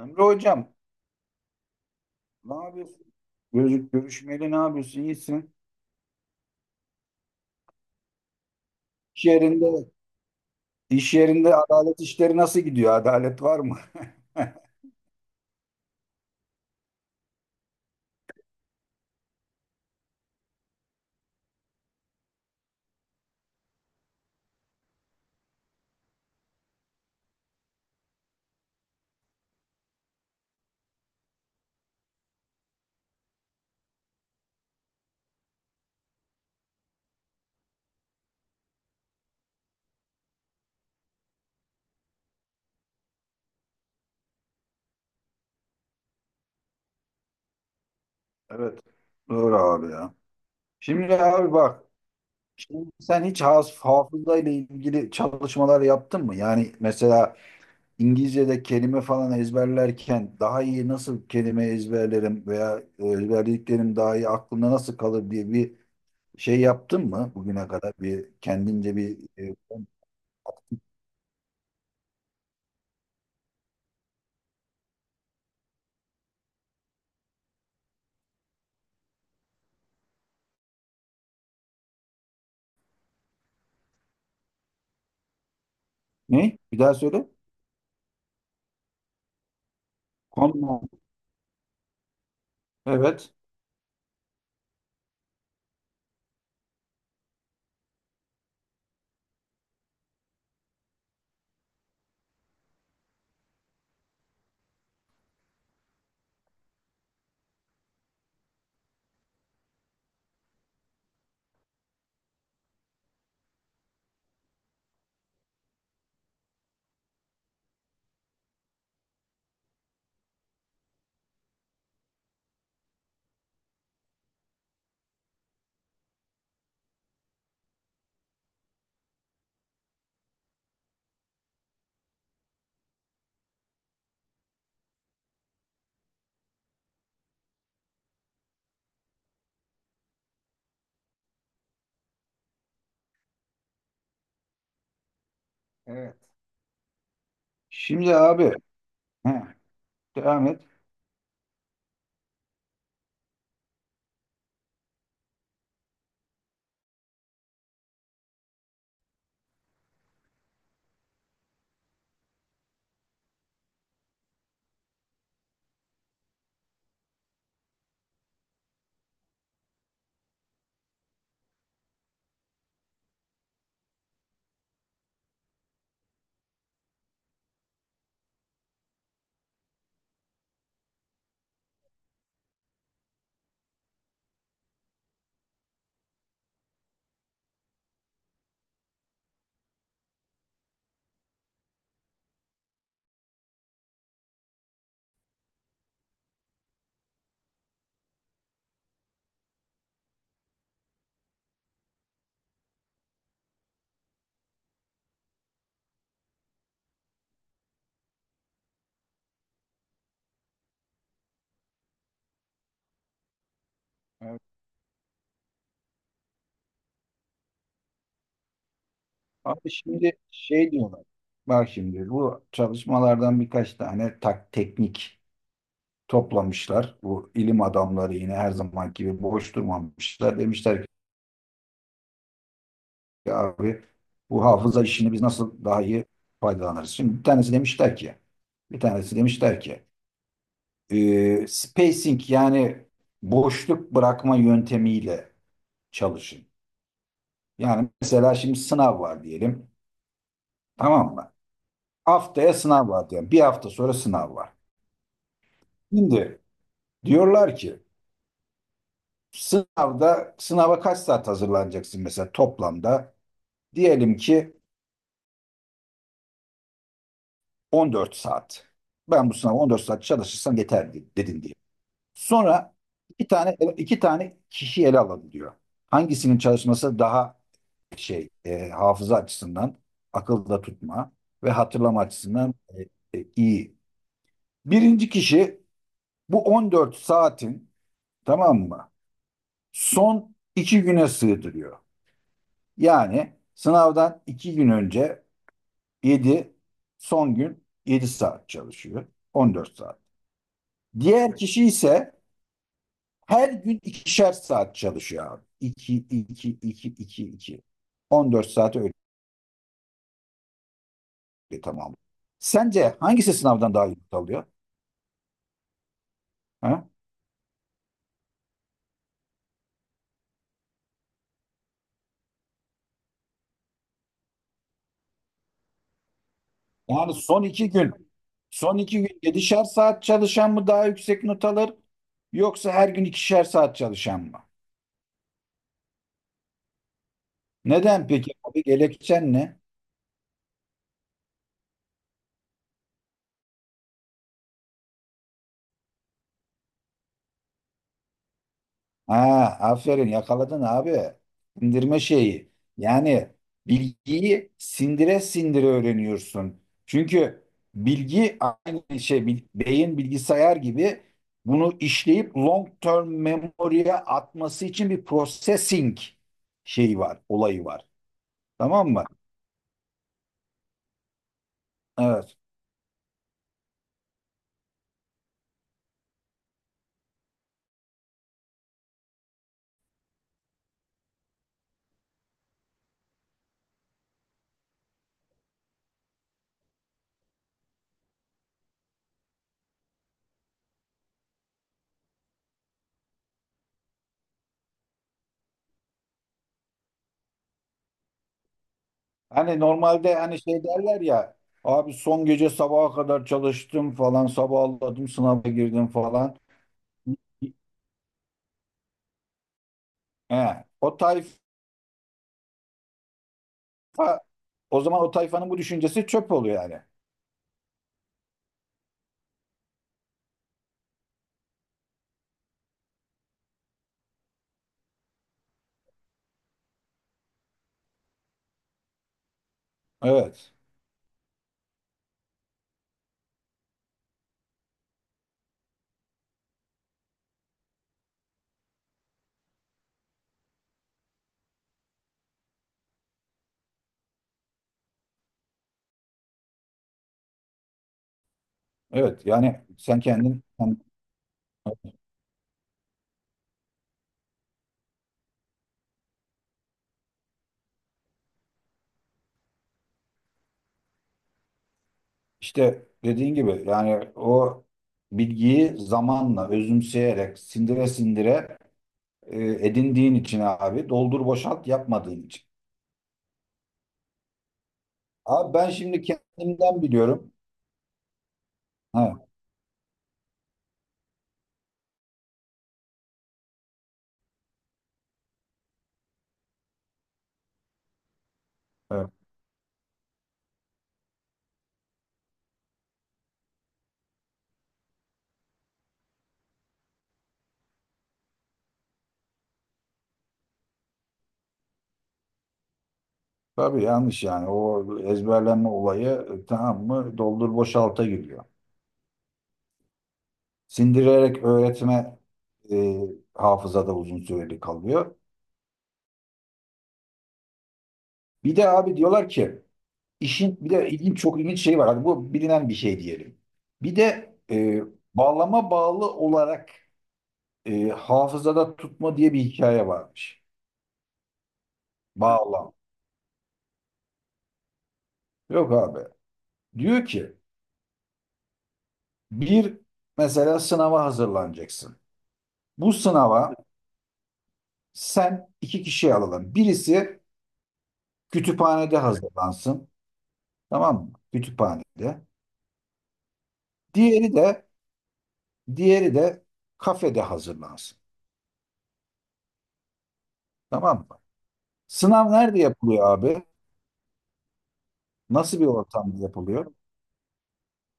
Emre hocam, ne yapıyorsun? Gözük görüşmeli ne yapıyorsun? İyisin. İş yerinde, iş yerinde adalet işleri nasıl gidiyor? Adalet var mı? Evet. Doğru abi ya. Şimdi abi bak, şimdi sen hiç hafıza ile ilgili çalışmalar yaptın mı? Yani mesela İngilizce'de kelime falan ezberlerken daha iyi nasıl kelime ezberlerim veya ezberlediklerim daha iyi aklımda nasıl kalır diye bir şey yaptın mı bugüne kadar bir kendince bir ne? Bir daha söyle. Konu. Evet. Evet. Şimdi abi, heh, devam et. Evet. Abi şimdi şey diyorlar. Bak şimdi bu çalışmalardan birkaç tane teknik toplamışlar. Bu ilim adamları yine her zaman gibi boş durmamışlar. Demişler ki abi, bu hafıza işini biz nasıl daha iyi faydalanırız? Şimdi bir tanesi demişler ki, bir tanesi demişler ki spacing, yani boşluk bırakma yöntemiyle çalışın. Yani mesela şimdi sınav var diyelim. Tamam mı? Haftaya sınav var diyelim. Bir hafta sonra sınav var. Şimdi diyorlar ki sınavda sınava kaç saat hazırlanacaksın mesela toplamda? Diyelim ki 14 saat. Ben bu sınava 14 saat çalışırsam yeter dedin diye. Sonra iki tane kişi ele alalım diyor. Hangisinin çalışması daha şey, hafıza açısından, akılda tutma ve hatırlama açısından iyi. Birinci kişi bu 14 saatin, tamam mı, son 2 güne sığdırıyor. Yani sınavdan 2 gün önce 7, son gün 7 saat çalışıyor. On dört saat. Diğer kişi ise her gün ikişer saat çalışıyor abi. İki iki iki. İki. İki. On dört saati öyle, tamam. Sence hangisi sınavdan daha iyi not alıyor? Ha? Yani son iki gün, son iki gün yedişer saat çalışan mı daha yüksek not alır, yoksa her gün ikişer saat çalışan mı? Neden peki abi, gerekçen ne? Ha, aferin yakaladın abi. Sindirme şeyi. Yani bilgiyi sindire sindire öğreniyorsun. Çünkü bilgi aynı şey, beyin bilgisayar gibi bunu işleyip long term memory'e atması için bir processing şeyi var, olayı var. Tamam mı? Evet. Hani normalde hani şey derler ya, abi son gece sabaha kadar çalıştım falan, sabahladım sınava girdim falan. He, o tayfa, o zaman o tayfanın bu düşüncesi çöp oluyor yani. Evet. Evet yani sen kendin sen, İşte dediğin gibi yani o bilgiyi zamanla özümseyerek sindire sindire edindiğin için abi, doldur boşalt yapmadığın için. Abi ben şimdi kendimden biliyorum. Ha, evet. Tabii yanlış yani o ezberlenme olayı, tamam mı, doldur boşalta giriyor. Sindirerek öğretme e, hafızada uzun süreli kalıyor. Bir de abi diyorlar ki, İşin bir de ilginç, çok ilginç şey var. Hadi bu bilinen bir şey diyelim. Bir de bağlama bağlı olarak hafızada tutma diye bir hikaye varmış. Bağlam. Yok abi. Diyor ki bir, mesela sınava hazırlanacaksın. Bu sınava sen iki kişi alalım. Birisi kütüphanede hazırlansın. Tamam mı? Kütüphanede. Diğeri de, diğeri de kafede hazırlansın. Tamam mı? Sınav nerede yapılıyor abi? Nasıl bir ortamda yapılıyor?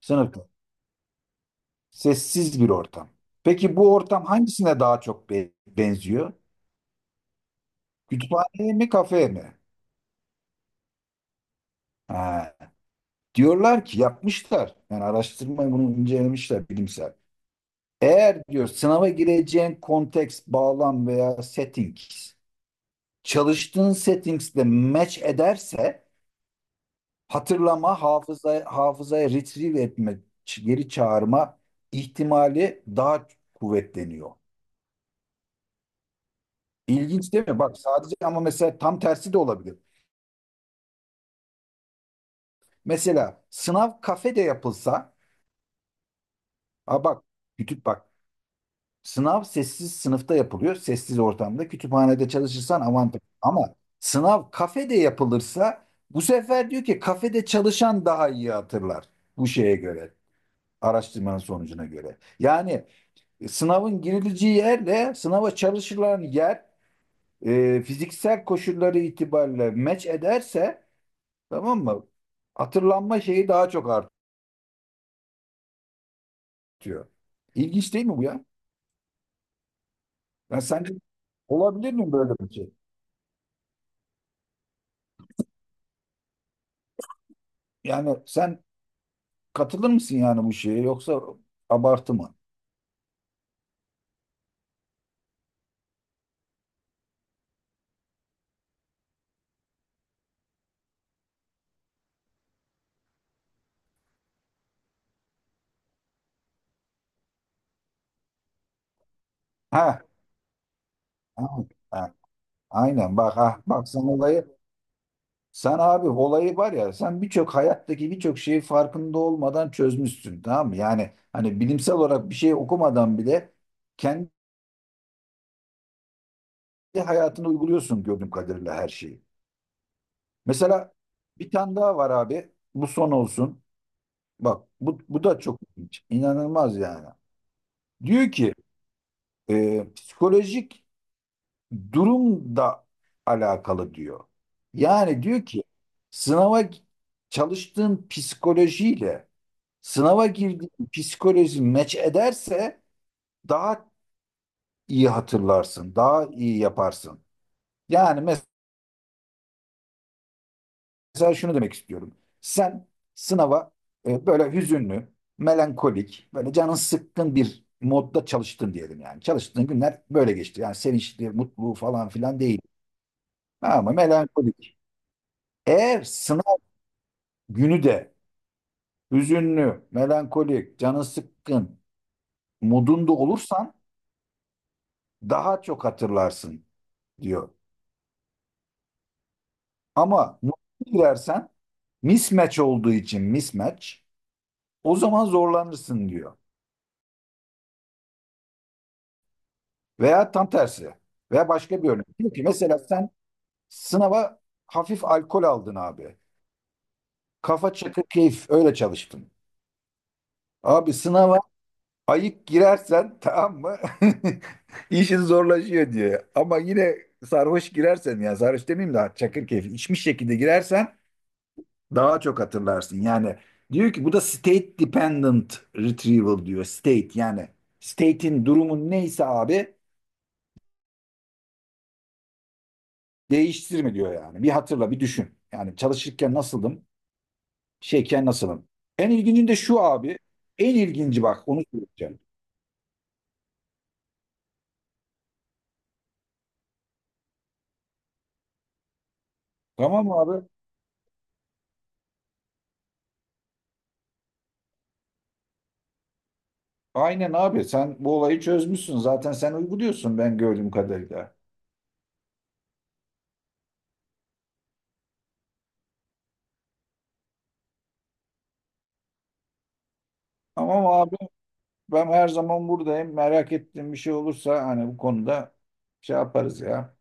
Sınıfta. Sessiz bir ortam. Peki bu ortam hangisine daha çok benziyor? Kütüphaneye mi, kafeye mi? Ha, diyorlar ki yapmışlar. Yani araştırma bunu incelemişler bilimsel. Eğer diyor sınava gireceğin konteks, bağlam veya settings çalıştığın settings'le match ederse hatırlama, hafıza, hafızaya retrieve etme, geri çağırma ihtimali daha kuvvetleniyor. İlginç değil mi? Bak sadece, ama mesela tam tersi de olabilir. Mesela sınav kafede yapılsa, ha bak, bak sınav sessiz sınıfta yapılıyor, sessiz ortamda kütüphanede çalışırsan avantaj. Ama sınav kafede yapılırsa bu sefer diyor ki kafede çalışan daha iyi hatırlar, bu şeye göre, araştırmanın sonucuna göre. Yani sınavın girileceği yerle sınava çalışılan yer fiziksel koşulları itibariyle meç ederse, tamam mı, hatırlanma şeyi daha çok artıyor. İlginç değil mi bu ya? Yani sence olabilir mi böyle bir şey? Yani sen katılır mısın yani bu şeye, yoksa abartı mı? Ha, ha, ha. Aynen bak, ha bak sen olayı, sen abi olayı var ya, sen birçok hayattaki birçok şeyi farkında olmadan çözmüşsün, tamam mı? Yani hani bilimsel olarak bir şey okumadan bile kendi hayatına uyguluyorsun gördüğüm kadarıyla her şeyi. Mesela bir tane daha var abi, bu son olsun. Bak bu, bu da çok ilginç. İnanılmaz yani. Diyor ki psikolojik durum da alakalı diyor. Yani diyor ki sınava çalıştığın psikolojiyle sınava girdiğin psikoloji meç ederse daha iyi hatırlarsın, daha iyi yaparsın. Yani mesela şunu demek istiyorum. Sen sınava böyle hüzünlü, melankolik, böyle canın sıkkın bir modda çalıştın diyelim yani. Çalıştığın günler böyle geçti. Yani sevinçli, mutlu falan filan değil. Ama melankolik. Eğer sınav günü de hüzünlü, melankolik, canın sıkkın modunda olursan daha çok hatırlarsın diyor. Ama mutlu girersen mismatch olduğu için, mismatch, o zaman zorlanırsın diyor. Veya tam tersi. Veya başka bir örnek. Diyor ki mesela sen sınava hafif alkol aldın abi. Kafa çakı keyif öyle çalıştın. Abi sınava ayık girersen, tamam mı, İşin zorlaşıyor diye. Ama yine sarhoş girersen, yani sarhoş demeyeyim de çakır keyfi içmiş şekilde girersen daha çok hatırlarsın. Yani diyor ki bu da state dependent retrieval diyor. State, yani state'in, durumun neyse abi, değiştirme diyor yani. Bir hatırla, bir düşün. Yani çalışırken nasıldım, şeyken nasılım. En ilginci de şu abi. En ilginci bak, onu söyleyeceğim. Tamam abi? Aynen abi, sen bu olayı çözmüşsün. Zaten sen uyguluyorsun ben gördüğüm kadarıyla. Tamam abi, ben her zaman buradayım. Merak ettiğim bir şey olursa hani bu konuda şey yaparız ya.